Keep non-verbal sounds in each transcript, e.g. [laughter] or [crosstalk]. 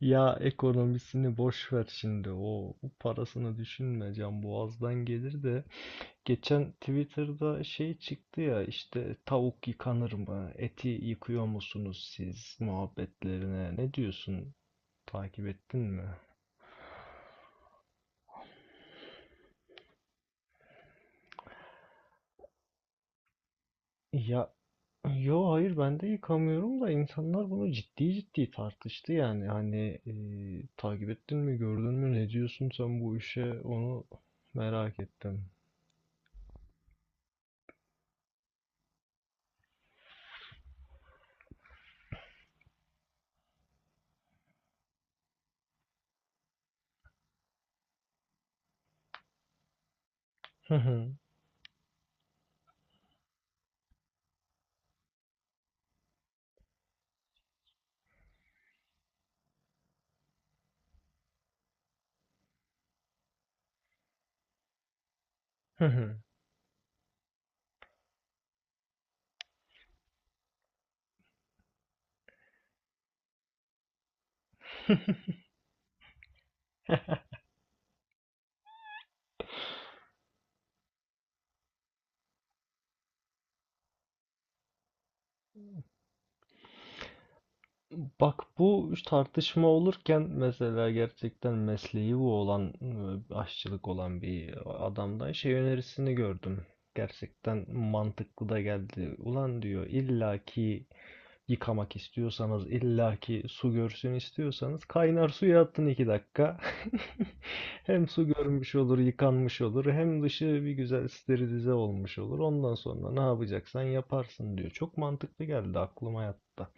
Ya ekonomisini boş ver şimdi. O parasını düşünme, can boğazdan gelir de. Geçen Twitter'da şey çıktı ya, işte tavuk yıkanır mı? Eti yıkıyor musunuz siz muhabbetlerine? Ne diyorsun? Takip ettin mi? Ya yo hayır, ben de yıkamıyorum da insanlar bunu ciddi ciddi tartıştı yani. Hani takip ettin mi, gördün mü, ne diyorsun sen bu işe, onu merak ettim. [laughs] Hı hı. Hı hı. Bak, bu tartışma olurken mesela gerçekten mesleği bu olan aşçılık olan bir adamdan şey önerisini gördüm. Gerçekten mantıklı da geldi. Ulan diyor, illaki yıkamak istiyorsanız, illaki su görsün istiyorsanız kaynar suya attın iki dakika. [laughs] Hem su görmüş olur, yıkanmış olur, hem dışı bir güzel sterilize olmuş olur. Ondan sonra ne yapacaksan yaparsın diyor. Çok mantıklı geldi, aklıma yattı.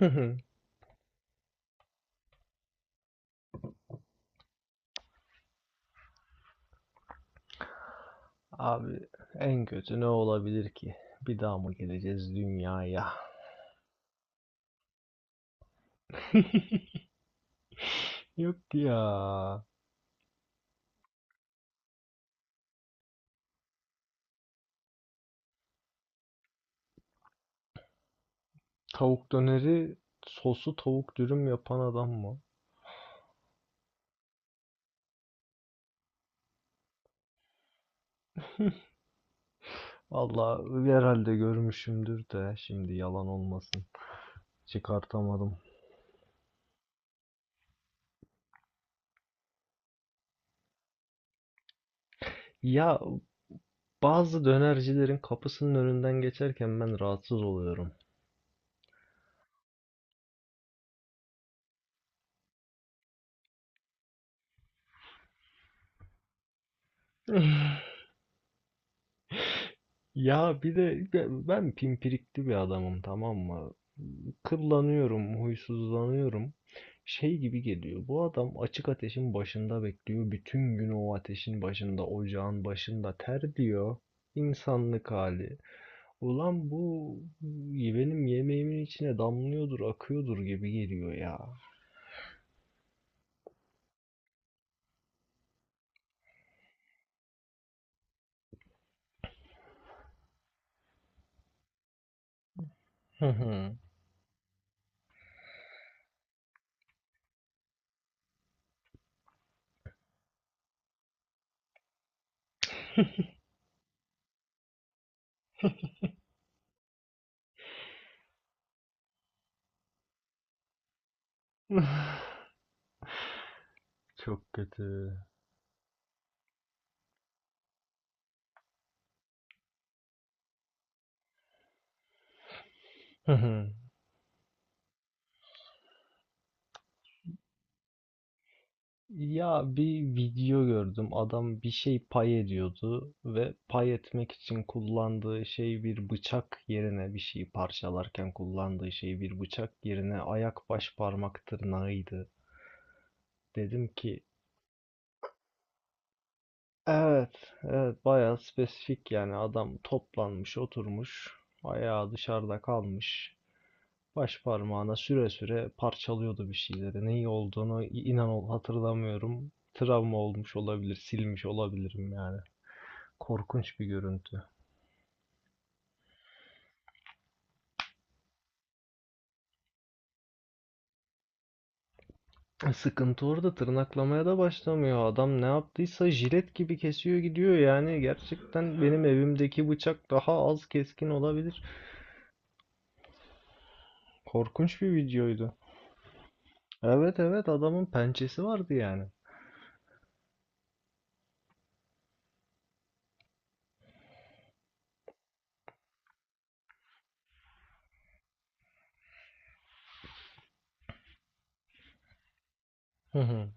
[laughs] Abi en kötü ne olabilir ki? Bir daha mı geleceğiz dünyaya? [laughs] Yok ya. Tavuk döneri sosu tavuk dürüm yapan adam mı? Valla herhalde görmüşümdür de şimdi yalan olmasın. Çıkartamadım. Ya bazı dönercilerin kapısının önünden geçerken ben rahatsız oluyorum. [laughs] Ya bir de ben pimpirikli bir adamım, tamam mı? Kıllanıyorum, huysuzlanıyorum. Şey gibi geliyor. Bu adam açık ateşin başında bekliyor. Bütün gün o ateşin başında, ocağın başında terliyor. İnsanlık hali. Ulan bu benim yemeğimin içine damlıyordur, akıyordur gibi geliyor ya. [laughs] Çok kötü. [laughs] Ya bir video gördüm. Adam bir şey pay ediyordu ve pay etmek için kullandığı şey, bir bıçak yerine, bir şeyi parçalarken kullandığı şey bir bıçak yerine ayak baş parmak tırnağıydı. Dedim ki evet, evet bayağı spesifik yani, adam toplanmış oturmuş, ayağı dışarıda kalmış. Baş parmağına süre süre parçalıyordu bir şeyleri. Ne iyi olduğunu inan ol hatırlamıyorum. Travma olmuş olabilir, silmiş olabilirim yani. Korkunç bir görüntü. Sıkıntı, orada tırnaklamaya da başlamıyor. Adam ne yaptıysa jilet gibi kesiyor gidiyor. Yani gerçekten benim evimdeki bıçak daha az keskin olabilir. Korkunç bir videoydu. Evet, evet adamın pençesi vardı yani. Hı hı.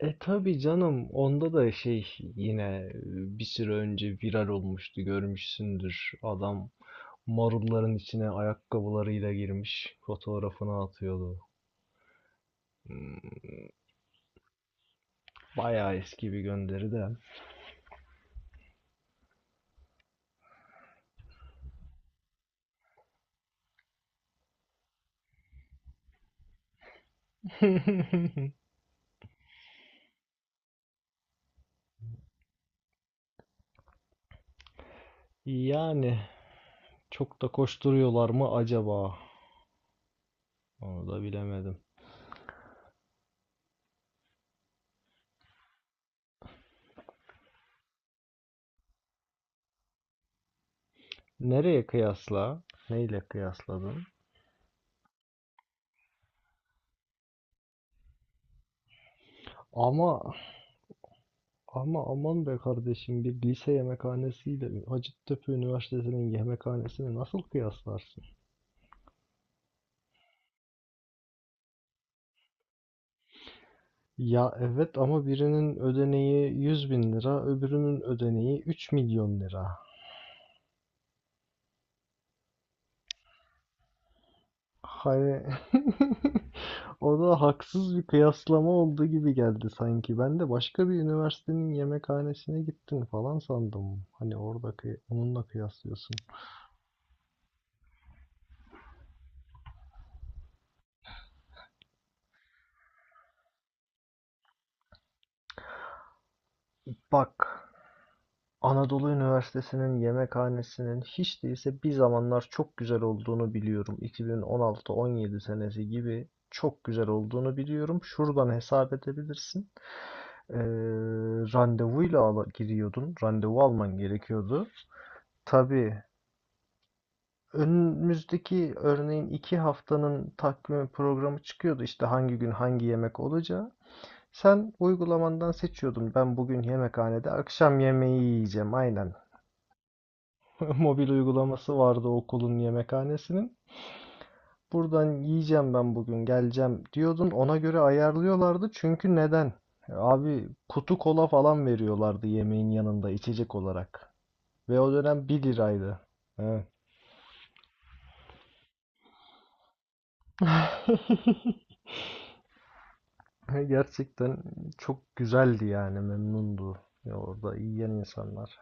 E tabii canım, onda da şey yine e, bir süre önce viral olmuştu, görmüşsündür. Adam marulların içine ayakkabılarıyla girmiş fotoğrafını atıyordu. Hmm, bayağı eski bir gönderi de. [laughs] Yani çok da koşturuyorlar mı acaba? Onu da bilemedim. Nereye kıyasla? Neyle kıyasladın? Ama ama aman be kardeşim, bir lise yemekhanesiyle Hacettepe Üniversitesi'nin yemekhanesini nasıl kıyaslarsın? Ya evet ama birinin ödeneği 100 bin lira, öbürünün ödeneği 3 milyon lira. Hani [laughs] o da haksız bir kıyaslama olduğu gibi geldi sanki. Ben de başka bir üniversitenin yemekhanesine gittin falan sandım. Hani oradaki onunla kıyaslıyorsun. Bak, Anadolu Üniversitesi'nin yemekhanesinin hiç değilse bir zamanlar çok güzel olduğunu biliyorum. 2016-17 senesi gibi çok güzel olduğunu biliyorum. Şuradan hesap edebilirsin. Ee, randevuyla ala- giriyordun. Randevu alman gerekiyordu. Tabii, önümüzdeki örneğin iki haftanın takvimi, programı çıkıyordu işte hangi gün hangi yemek olacağı. Sen uygulamandan seçiyordun. Ben bugün yemekhanede akşam yemeği yiyeceğim aynen. [laughs] Mobil uygulaması vardı okulun yemekhanesinin. Buradan yiyeceğim ben, bugün geleceğim diyordun. Ona göre ayarlıyorlardı. Çünkü neden? Abi kutu kola falan veriyorlardı yemeğin yanında içecek olarak. Ve o dönem bir liraydı. Evet. [laughs] Ha, gerçekten çok güzeldi yani, memnundu ya orada yiyen insanlar.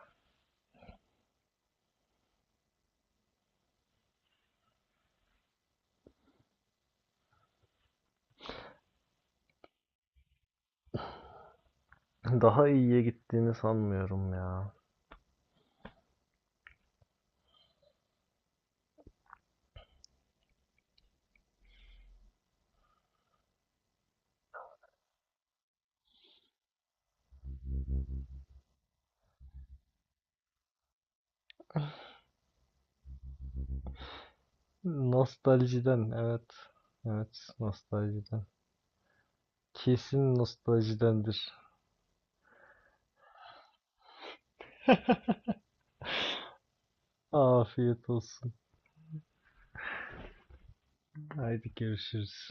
[laughs] Daha iyiye gittiğini sanmıyorum ya. Nostaljiden evet. Evet, nostaljiden. Kesin nostaljidendir. Afiyet olsun. Haydi görüşürüz.